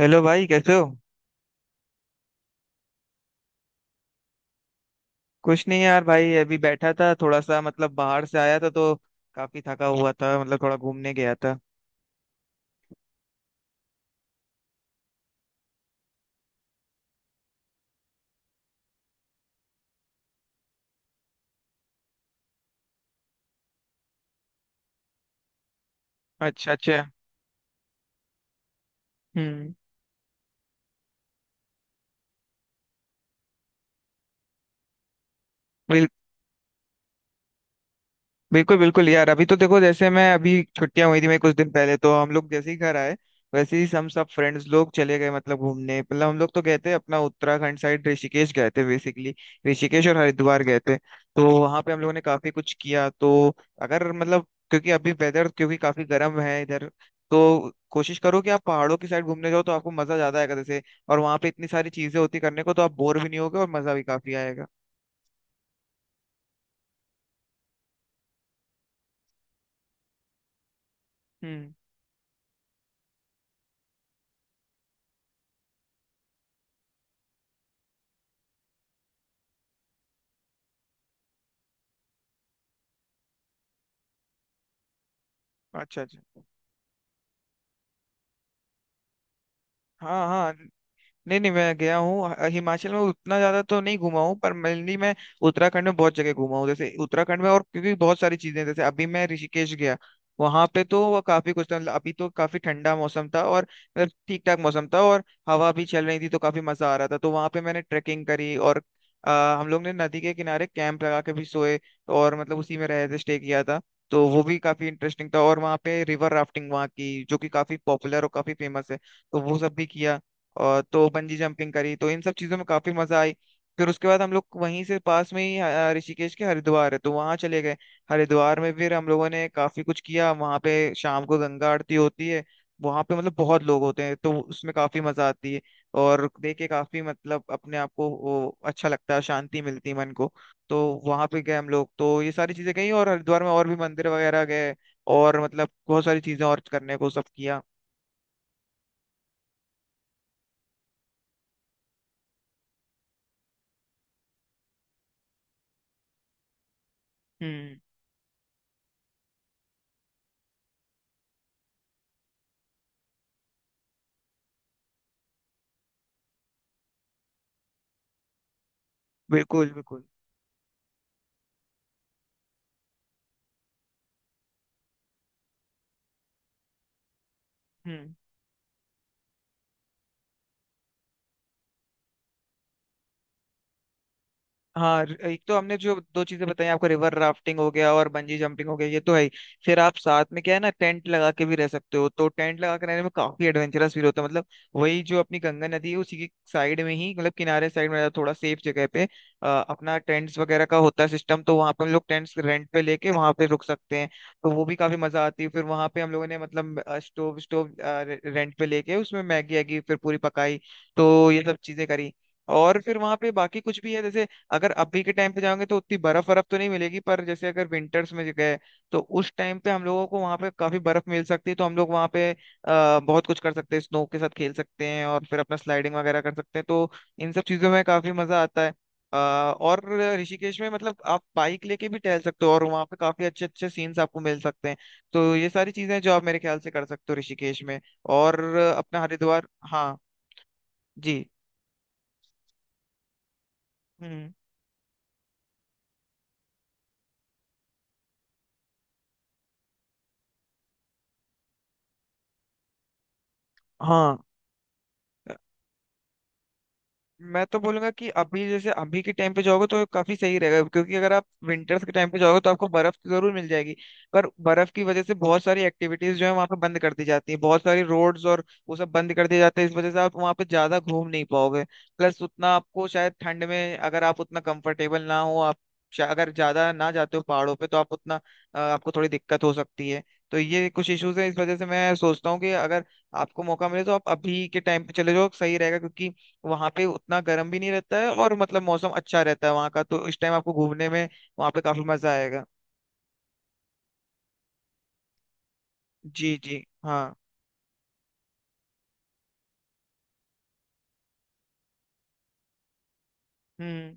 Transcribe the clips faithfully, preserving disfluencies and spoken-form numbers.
Hello भाई, कैसे हो। कुछ नहीं यार भाई, अभी बैठा था थोड़ा सा, मतलब बाहर से आया था तो काफी थका हुआ था, मतलब थोड़ा घूमने गया था। अच्छा अच्छा। हम्म। बिल्कुल बिल्कुल यार, अभी तो देखो, जैसे मैं अभी छुट्टियां हुई थी, मैं कुछ दिन पहले, तो हम लोग जैसे ही घर आए वैसे ही हम सब फ्रेंड्स लोग चले गए, मतलब घूमने। मतलब हम लोग तो गए थे अपना उत्तराखंड साइड, ऋषिकेश गए थे। बेसिकली ऋषिकेश और हरिद्वार गए थे, तो वहां पे हम लोगों ने काफी कुछ किया, तो अगर मतलब, क्योंकि अभी वेदर क्योंकि काफी गर्म है इधर, तो कोशिश करो कि आप पहाड़ों की साइड घूमने जाओ तो आपको मजा ज्यादा आएगा। जैसे, और वहां पे इतनी सारी चीजें होती करने को, तो आप बोर भी नहीं होगे और मजा भी काफी आएगा। हम्म। अच्छा अच्छा। हाँ हाँ। नहीं नहीं, मैं गया हूँ, अ- हिमाचल में उतना ज्यादा तो नहीं घुमा हूँ, पर मेनली मैं उत्तराखंड में बहुत जगह घुमा हूँ। जैसे उत्तराखंड में, और क्योंकि बहुत सारी चीजें हैं, जैसे अभी मैं ऋषिकेश गया, वहां पे तो वो काफी कुछ था। मतलब अभी तो काफी ठंडा मौसम था, और मतलब ठीक ठाक मौसम था, और हवा भी चल रही थी, तो काफी मजा आ रहा था। तो वहां पे मैंने ट्रेकिंग करी, और अ, हम लोग ने नदी के किनारे कैंप लगा के भी सोए। और मतलब उसी में रहे थे, स्टे किया था। तो वो भी काफी इंटरेस्टिंग था। और वहाँ पे रिवर राफ्टिंग वहाँ की, जो कि काफी पॉपुलर और काफी फेमस है, तो वो सब भी किया। और तो बंजी जंपिंग करी, तो इन सब चीजों में काफी मजा आई। फिर उसके बाद हम लोग वहीं से पास में ही अ, ऋषिकेश के हरिद्वार है, तो वहां चले गए। हरिद्वार में फिर हम लोगों ने काफी कुछ किया। वहां पे शाम को गंगा आरती होती है, वहां पे मतलब बहुत लोग होते हैं, तो उसमें काफी मजा आती है। और देख के काफी, मतलब अपने आप को वो अच्छा लगता है, शांति मिलती है मन को। तो वहां पे गए हम लोग, तो ये सारी चीजें गई, और हरिद्वार में और भी मंदिर वगैरह गए, और मतलब बहुत सारी चीजें और करने को सब किया। हम्म। बिल्कुल बिल्कुल। हम्म। हाँ, र- एक तो हमने जो दो चीजें बताई आपको, रिवर राफ्टिंग हो गया और बंजी जंपिंग हो गया, ये तो है ही। फिर आप साथ में, क्या है ना, टेंट लगा के भी रह सकते हो, तो टेंट लगा के रहने में काफी एडवेंचरस फील होता है। मतलब वही जो अपनी गंगा नदी है उसी की साइड में ही, मतलब किनारे साइड में, थोड़ा सेफ जगह पे अ, अपना टेंट्स वगैरह का होता है सिस्टम, तो वहाँ पे हम लोग टेंट्स रेंट पे लेके वहाँ पे रुक सकते हैं। तो वो भी काफी मजा आती है। फिर वहाँ पे हम लोगों ने, मतलब स्टोव स्टोव रेंट पे लेके उसमें मैगी वैगी फिर पूरी पकाई, तो ये सब चीजें करी। और फिर वहां पे बाकी कुछ भी है, जैसे अगर अभी के टाइम पे जाओगे तो उतनी बर्फ बर्फ तो नहीं मिलेगी, पर जैसे अगर विंटर्स में गए, तो उस टाइम पे हम लोगों को वहाँ पे काफी बर्फ मिल सकती है। तो हम लोग वहाँ पे अ, बहुत कुछ कर सकते हैं, स्नो के साथ खेल सकते हैं, और फिर अपना स्लाइडिंग वगैरह कर सकते हैं, तो इन सब चीजों में काफी मजा आता है। अ, और ऋषिकेश में, मतलब आप बाइक लेके भी टहल सकते हो, और वहाँ पे काफी अच्छे अच्छे सीन्स आपको मिल सकते हैं। तो ये सारी चीजें हैं जो आप मेरे ख्याल से कर सकते हो ऋषिकेश में। और अपना हरिद्वार। हाँ। जी। हम्म। हाँ, मैं तो बोलूंगा कि अभी, जैसे अभी के टाइम पे जाओगे तो काफी सही रहेगा, क्योंकि अगर आप विंटर्स के टाइम पे जाओगे तो आपको बर्फ तो जरूर मिल जाएगी, पर बर्फ की वजह से बहुत सारी एक्टिविटीज जो है वहाँ पे बंद कर दी जाती है, बहुत सारी रोड्स और वो सब बंद कर दिए जाते हैं। इस वजह से आप वहाँ पे ज्यादा घूम नहीं पाओगे। प्लस उतना आपको शायद ठंड में, अगर आप उतना कंफर्टेबल ना हो, आप शा- अगर ज्यादा ना जाते हो पहाड़ों पे, तो आप उतना, अ, आपको थोड़ी दिक्कत हो सकती है। तो ये कुछ इश्यूज हैं, इस वजह से मैं सोचता हूँ कि अगर आपको मौका मिले, तो आप अभी के टाइम पे चले जाओ, सही रहेगा। क्योंकि वहां पे उतना गर्म भी नहीं रहता है, और मतलब मौसम अच्छा रहता है वहां का, तो इस टाइम आपको घूमने में वहां पे काफी मजा आएगा। जी जी। हाँ। हम्म।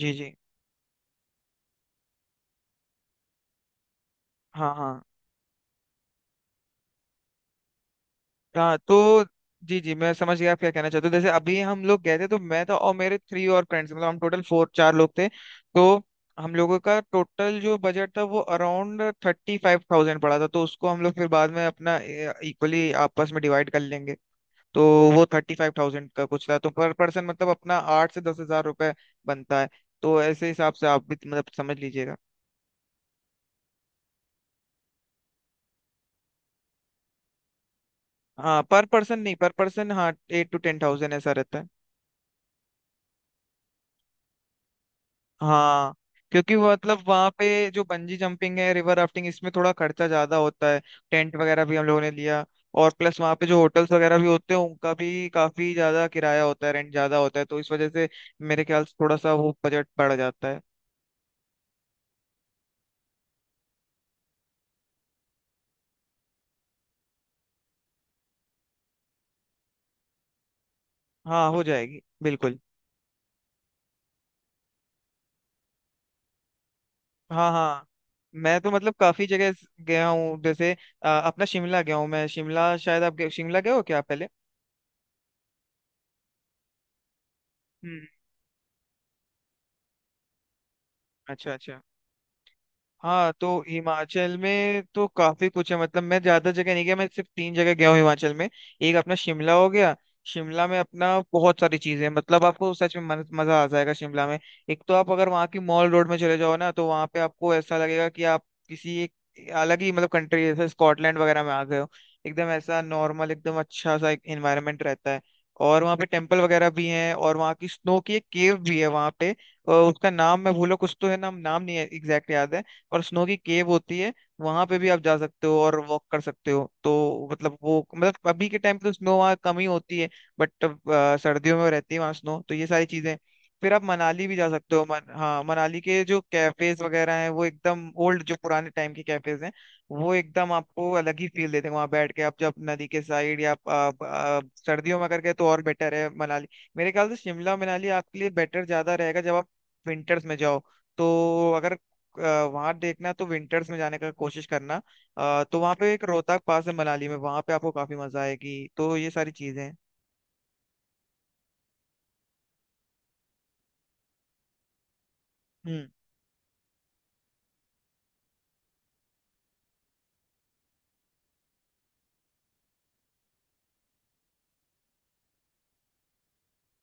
जी जी। हाँ हाँ हाँ। तो जी जी, मैं समझ गया आप क्या कहना चाहते हो। जैसे अभी हम लोग गए थे, तो मैं था और मेरे थ्री और फ्रेंड्स, मतलब हम टोटल फोर चार लोग थे। तो हम लोगों का टोटल जो बजट था वो अराउंड थर्टी फाइव थाउजेंड पड़ा था, तो उसको हम लोग फिर बाद में अपना इक्वली आपस में डिवाइड कर लेंगे। तो वो थर्टी फाइव थाउजेंड का कुछ था, तो पर पर्सन मतलब अपना आठ से दस हजार रुपए बनता है। तो ऐसे हिसाब से आप भी, मतलब, समझ लीजिएगा। हाँ, पर पर्सन नहीं, पर पर्सन हाँ, एट टू टेन थाउजेंड ऐसा रहता है। हाँ, क्योंकि वो मतलब वहाँ पे जो बंजी जंपिंग है, रिवर राफ्टिंग, इसमें थोड़ा खर्चा ज्यादा होता है। टेंट वगैरह भी हम लोगों ने लिया, और प्लस वहाँ पे जो होटल्स वगैरह भी होते हैं उनका भी काफी ज्यादा किराया होता है, रेंट ज्यादा होता है, तो इस वजह से मेरे ख्याल से थोड़ा सा वो बजट बढ़ जाता है। हाँ, हो जाएगी बिल्कुल। हाँ हाँ, मैं तो, मतलब, काफी जगह स- गया हूँ, जैसे अ, अपना शिमला गया हूँ मैं। शिमला, शायद आप गए- शिमला गए हो क्या आप पहले? हम्म। अच्छा अच्छा। हाँ, तो हिमाचल में तो काफी कुछ है, मतलब मैं ज्यादा जगह नहीं गया, मैं सिर्फ तीन जगह गया हूँ हिमाचल में। एक अपना शिमला हो गया। शिमला में अपना बहुत सारी चीजें हैं, मतलब आपको सच में मन- मजा आ जाएगा शिमला में। एक तो आप अगर वहाँ की मॉल रोड में चले जाओ ना, तो वहाँ पे आपको ऐसा लगेगा कि आप किसी एक अलग ही, मतलब, कंट्री, जैसे स्कॉटलैंड वगैरह में आ गए हो। एकदम ऐसा नॉर्मल, एकदम अच्छा सा एक एनवायरनमेंट रहता है। और वहाँ पे टेम्पल वगैरह भी हैं, और वहाँ की स्नो की एक केव भी है वहाँ पे। अ, उसका नाम मैं भूलो, कुछ तो है नाम, नाम नहीं है एग्जैक्ट याद है। और स्नो की केव होती है, वहां पे भी आप जा सकते हो, और वॉक कर सकते हो। तो मतलब वो, मतलब अभी के टाइम पे तो स्नो वहाँ कम ही होती है, बट सर्दियों में रहती है वहाँ स्नो, तो ये सारी चीजें। फिर आप मनाली भी जा सकते हो। मन, हाँ, मनाली के जो कैफेज वगैरह हैं वो एकदम ओल्ड, जो पुराने टाइम के कैफेज हैं, वो एकदम आपको अलग ही फील देते हैं। वहां बैठ के आप जब नदी के साइड, या आप, आप, आप सर्दियों में अगर गए तो और बेटर है मनाली। मेरे ख्याल से शिमला मनाली आपके लिए बेटर ज्यादा रहेगा जब आप विंटर्स में जाओ, तो अगर वहां देखना तो विंटर्स में जाने का कोशिश करना। अ, तो वहां पे एक रोहतक पास है मनाली में, वहां पे आपको काफी मजा आएगी, तो ये सारी चीजें हैं। हम्म।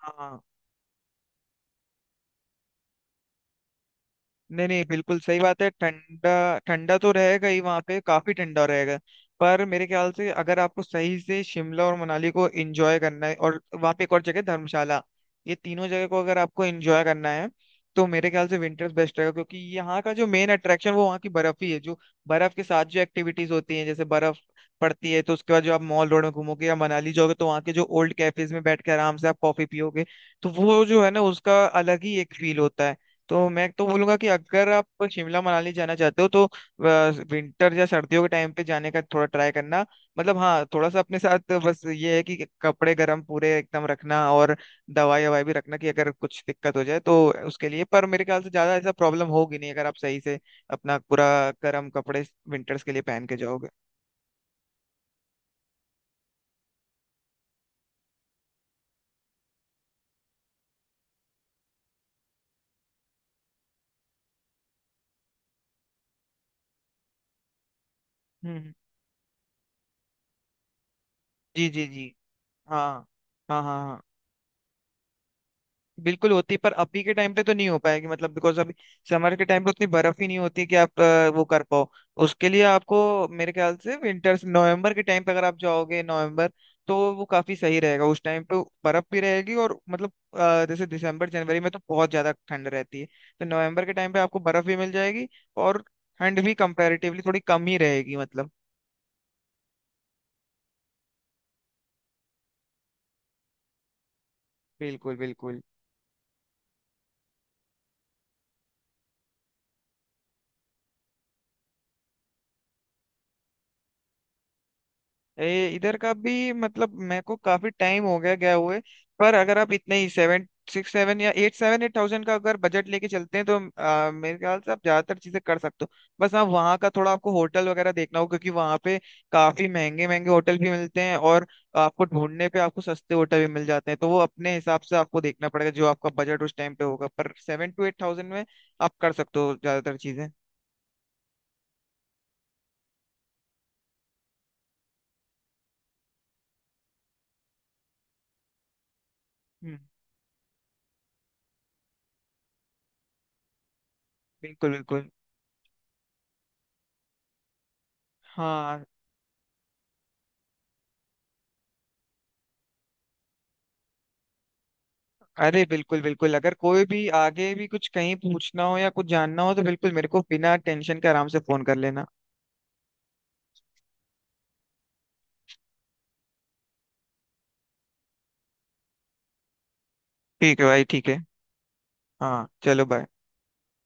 हाँ। नहीं नहीं, बिल्कुल सही बात है, ठंडा। ठंडा तो रहेगा ही, वहाँ पे काफी ठंडा रहेगा। पर मेरे ख्याल से अगर आपको सही से शिमला और मनाली को एंजॉय करना है, और वहाँ पे एक और जगह धर्मशाला, ये तीनों जगह को अगर आपको एंजॉय करना है, तो मेरे ख्याल से विंटर्स बेस्ट रहेगा। क्योंकि यहाँ का जो मेन अट्रैक्शन वो वहाँ की बर्फ ही है, जो बर्फ के साथ जो एक्टिविटीज होती हैं, जैसे बर्फ पड़ती है, तो उसके बाद जो आप मॉल रोड में घूमोगे या मनाली जाओगे, तो वहाँ के जो ओल्ड कैफेज में बैठ के आराम से आप कॉफी पियोगे, तो वो जो है ना, उसका अलग ही एक फील होता है। तो मैं तो बोलूंगा कि अगर आप शिमला मनाली जाना चाहते हो, तो विंटर या सर्दियों के टाइम पे जाने का थोड़ा ट्राई करना। मतलब हाँ, थोड़ा सा अपने साथ बस ये है कि कपड़े गर्म पूरे एकदम रखना, और दवाई ववाई भी रखना कि अगर कुछ दिक्कत हो जाए तो उसके लिए। पर मेरे ख्याल से ज्यादा ऐसा प्रॉब्लम होगी नहीं, अगर आप सही से अपना पूरा गर्म कपड़े विंटर्स के लिए पहन के जाओगे। हम्म। जी जी जी। हाँ। हाँ हाँ हाँ, बिल्कुल होती है, पर अभी के टाइम पे तो नहीं हो पाएगी, मतलब बिकॉज अभी समर के टाइम पे उतनी बर्फ ही नहीं होती है कि आप अ, वो कर पाओ। उसके लिए आपको मेरे ख्याल से विंटर्स, नवंबर के टाइम पे अगर आप जाओगे नवंबर, तो वो काफी सही रहेगा उस टाइम पे। बर्फ भी रहेगी, और मतलब, अ, जैसे दिसंबर जनवरी में तो बहुत ज्यादा ठंड रहती है। तो नवंबर के टाइम पे आपको बर्फ भी मिल जाएगी, और ठंड भी कंपैरेटिवली थोड़ी कम ही रहेगी, मतलब। बिल्कुल बिल्कुल। ए, इधर का भी, मतलब, मेरे को काफी टाइम हो गया गया हुए, पर अगर आप इतने ही सेवन सिक्स सेवन या एट सेवन एट थाउजेंड का अगर बजट लेके चलते हैं, तो आ, मेरे ख्याल से आप ज्यादातर चीजें कर सकते हो। बस आप वहाँ का थोड़ा आपको होटल वगैरह देखना हो, क्योंकि वहाँ पे काफी महंगे महंगे होटल भी मिलते हैं, और आपको ढूंढने पे आपको सस्ते होटल भी मिल जाते हैं। तो वो अपने हिसाब से आपको देखना पड़ेगा जो आपका बजट उस टाइम पे होगा, पर सेवन टू एट थाउजेंड में आप कर सकते हो ज्यादातर चीजें। हम्म। बिल्कुल बिल्कुल। हाँ, अरे बिल्कुल बिल्कुल, अगर कोई भी आगे भी कुछ कहीं पूछना हो या कुछ जानना हो, तो बिल्कुल मेरे को बिना टेंशन के आराम से फोन कर लेना। ठीक है भाई, ठीक है। हाँ, चलो, बाय।